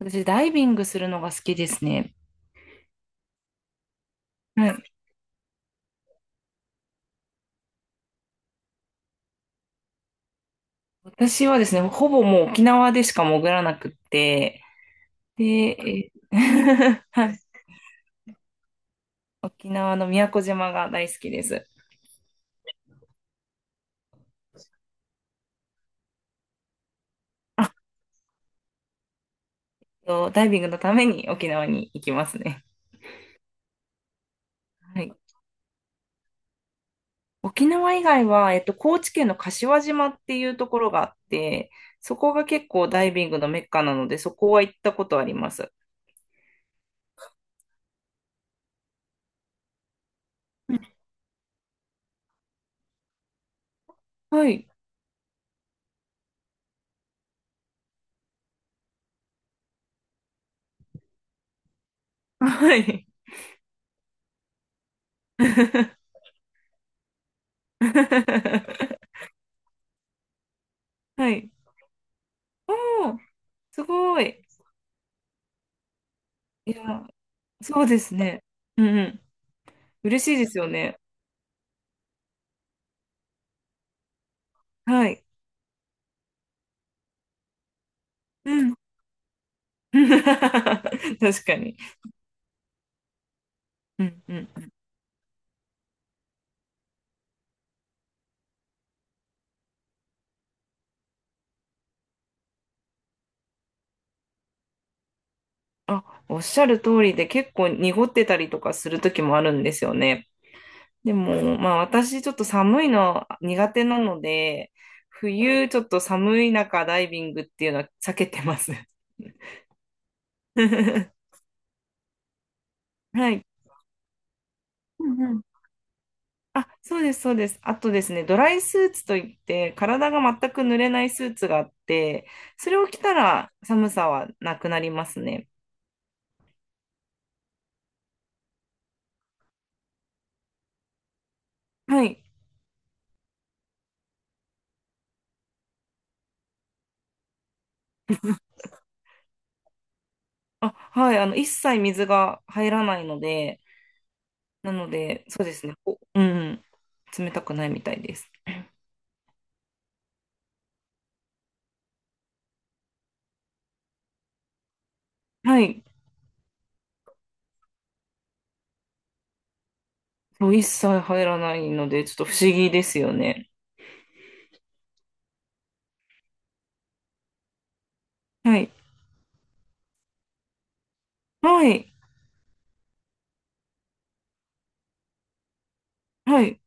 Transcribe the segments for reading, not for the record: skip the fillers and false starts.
私、ダイビングするのが好きですね。はい。私はですね、ほぼもう沖縄でしか潜らなくって、で、はい。沖縄の宮古島が大好きです。あと、ダイビングのために沖縄に行きますね。はい。沖縄以外は、高知県の柏島っていうところがあって、そこが結構ダイビングのメッカなので、そこは行ったことあります。はい。はい。はい。おー、すごい。いや、そうですね。うんうん。嬉しいですよね。はい。うん。確かに。うんうんうん。あ、おっしゃる通りで結構濁ってたりとかする時もあるんですよね。でも、まあ私ちょっと寒いの苦手なので、冬ちょっと寒い中ダイビングっていうのは避けてます。はい。うんうん。あ、そうです、そうです。あとですね、ドライスーツといって、体が全く濡れないスーツがあって、それを着たら寒さはなくなりますね。はい。あ、はい。一切水が入らないので、なので、そうですね。おうん、冷たくないみたいです。はい。そう、一切入らないので、ちょっと不思議ですよね。はい。はい。はい。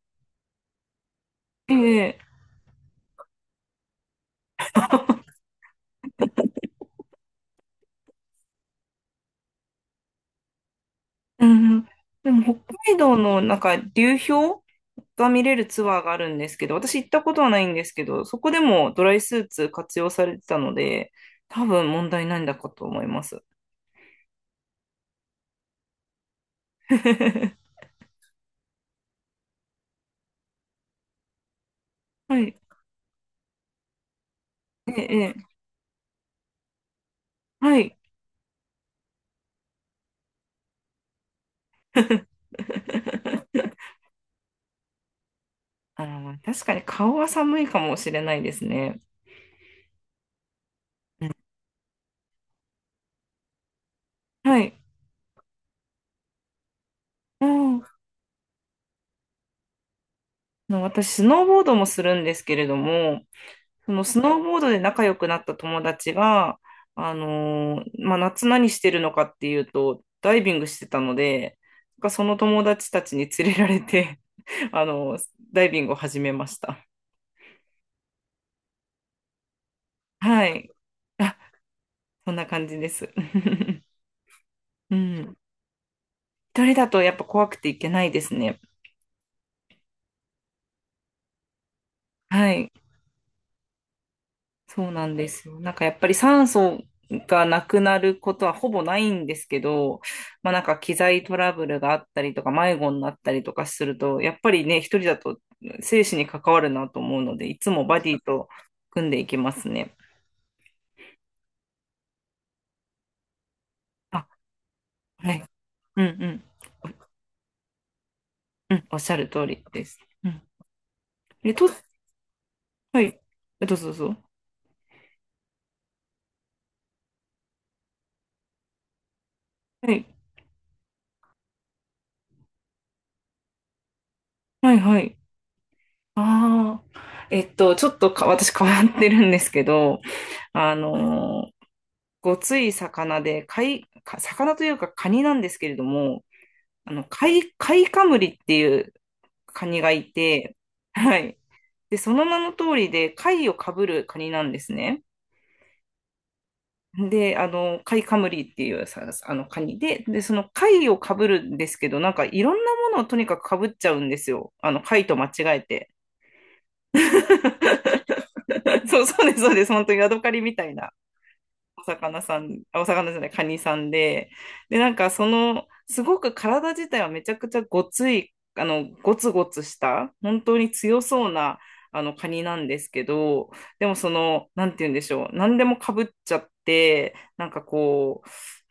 ええ、うん。でも、北海道のなんか流氷が見れるツアーがあるんですけど、私行ったことはないんですけど、そこでもドライスーツ活用されてたので、多分問題ないんだかと思います。はい。ええ、ええ、はい。確かに顔は寒いかもしれないですね。はい。うん。私、スノーボードもするんですけれども、そのスノーボードで仲良くなった友達が、まあ、夏何してるのかっていうと、ダイビングしてたので、なんかその友達たちに連れられて、あのーダイビングを始めました。はい。あ、そんな感じです。うん。一人だとやっぱ怖くていけないですね。はい。そうなんですよ。なんかやっぱり酸素がなくなることはほぼないんですけど、まあなんか機材トラブルがあったりとか迷子になったりとかすると、やっぱりね、一人だと生死に関わるなと思うので、いつもバディと組んでいきますね。あ、はい。うんうん。うん、おっしゃる通りです。うん。えっと、はい。どうぞどうぞ。はい。はいはい。ああ。えっと、ちょっとか、私変わってるんですけど、あのーごつい魚で、貝、か魚というかカニなんですけれども、貝カムリっていうカニがいて、はい。で、その名の通りで、貝をかぶるカニなんですね。で、貝カムリっていうさ、あの、カニで、その貝をかぶるんですけど、なんかいろんなものをとにかくかぶっちゃうんですよ。貝と間違えて。そう、そうです、そうです。本当にヤドカリみたいな。お魚さん、あ、お魚じゃない、カニさんで、なんかすごく体自体はめちゃくちゃごつい、ゴツゴツした、本当に強そうな、カニなんですけど、でもなんて言うんでしょう、何でもかぶっちゃって、なんかこ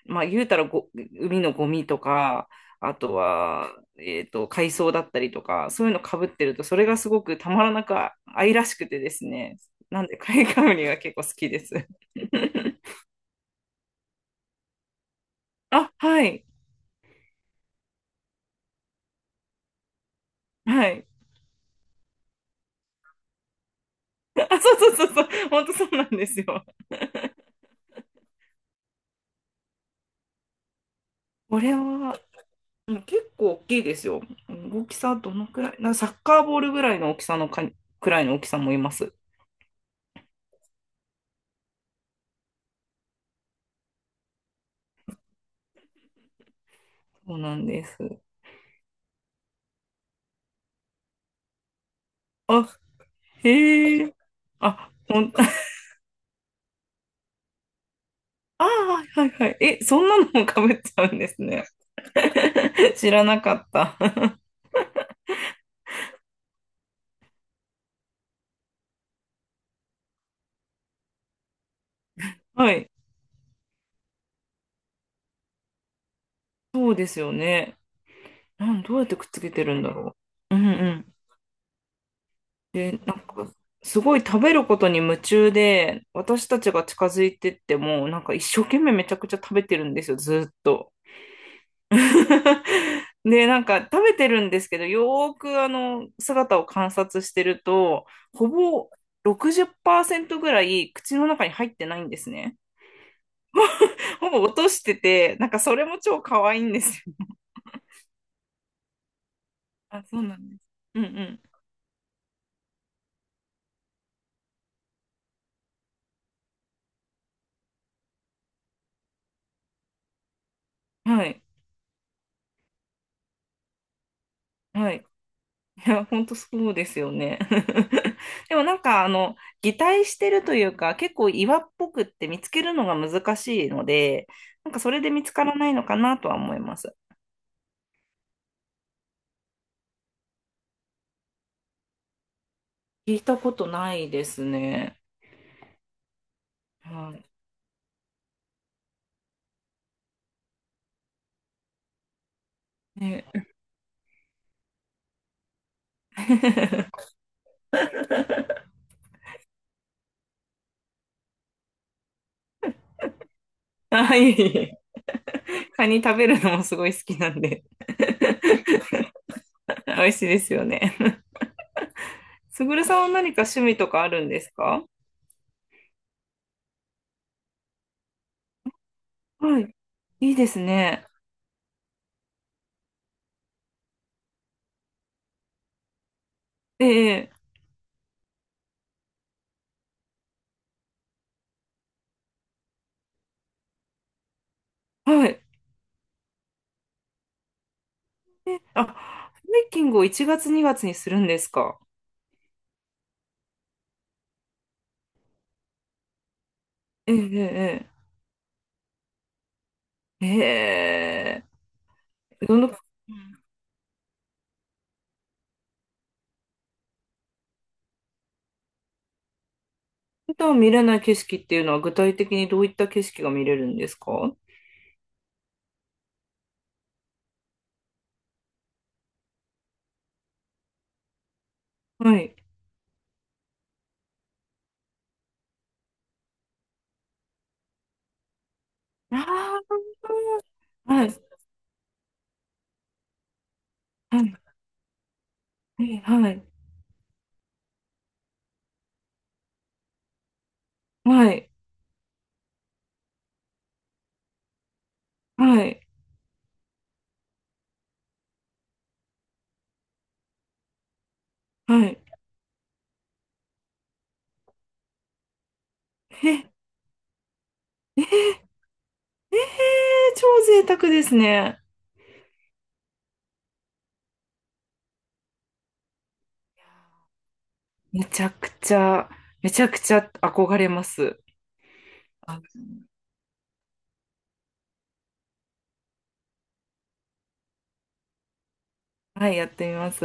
う、まあ言うたら海のゴミとか、あとは、海藻だったりとか、そういうのかぶってると、それがすごくたまらなく愛らしくてですね、なんで、カニカムニが結構好きです。あ、はい。はい。あ、そうそうそうそう。本当そうなんですよ。これは、うん、結構大きいですよ。大きさどのくらいな、サッカーボールぐらいの大きさのか、くらいの大きさもいます。そうなんです。あ、へえ。あ、ああ、はいはいはい。え、そんなのもかぶっちゃうんですね。知らなかった。はい。そうですよね。どうやってくっつけてるんだろう。うんうん。で、なんか、すごい食べることに夢中で、私たちが近づいてっても、なんか一生懸命めちゃくちゃ食べてるんですよ、ずーっと。で、なんか食べてるんですけど、よーく姿を観察してると、ほぼ60%ぐらい口の中に入ってないんですね。ほぼ落としてて、なんかそれも超可愛いんですよ。あ、そうなんです。うんうん。はい。はい。いや、本当そうですよね。でもなんか、擬態してるというか、結構岩っぽくって見つけるのが難しいので、なんかそれで見つからないのかなとは思います。聞いたことないですね。はい。ね、はい。カニ食べるのもすごい好きなんで。美味しいですよね。すぐるさんは何か趣味とかあるんですか？はい。いいですね。ええ、はい。え、あ、ハイキングを1月2月にがつにするんですか？ええ、ええ、ええ。普段見れない景色っていうのは具体的にどういった景色が見れるんですか？はい。ああ、はい、はい、はい、はい、はい、はい。え、え、え、ええ、超贅沢ですね。めちゃくちゃ、めちゃくちゃ憧れます。あ、はい、やってみます。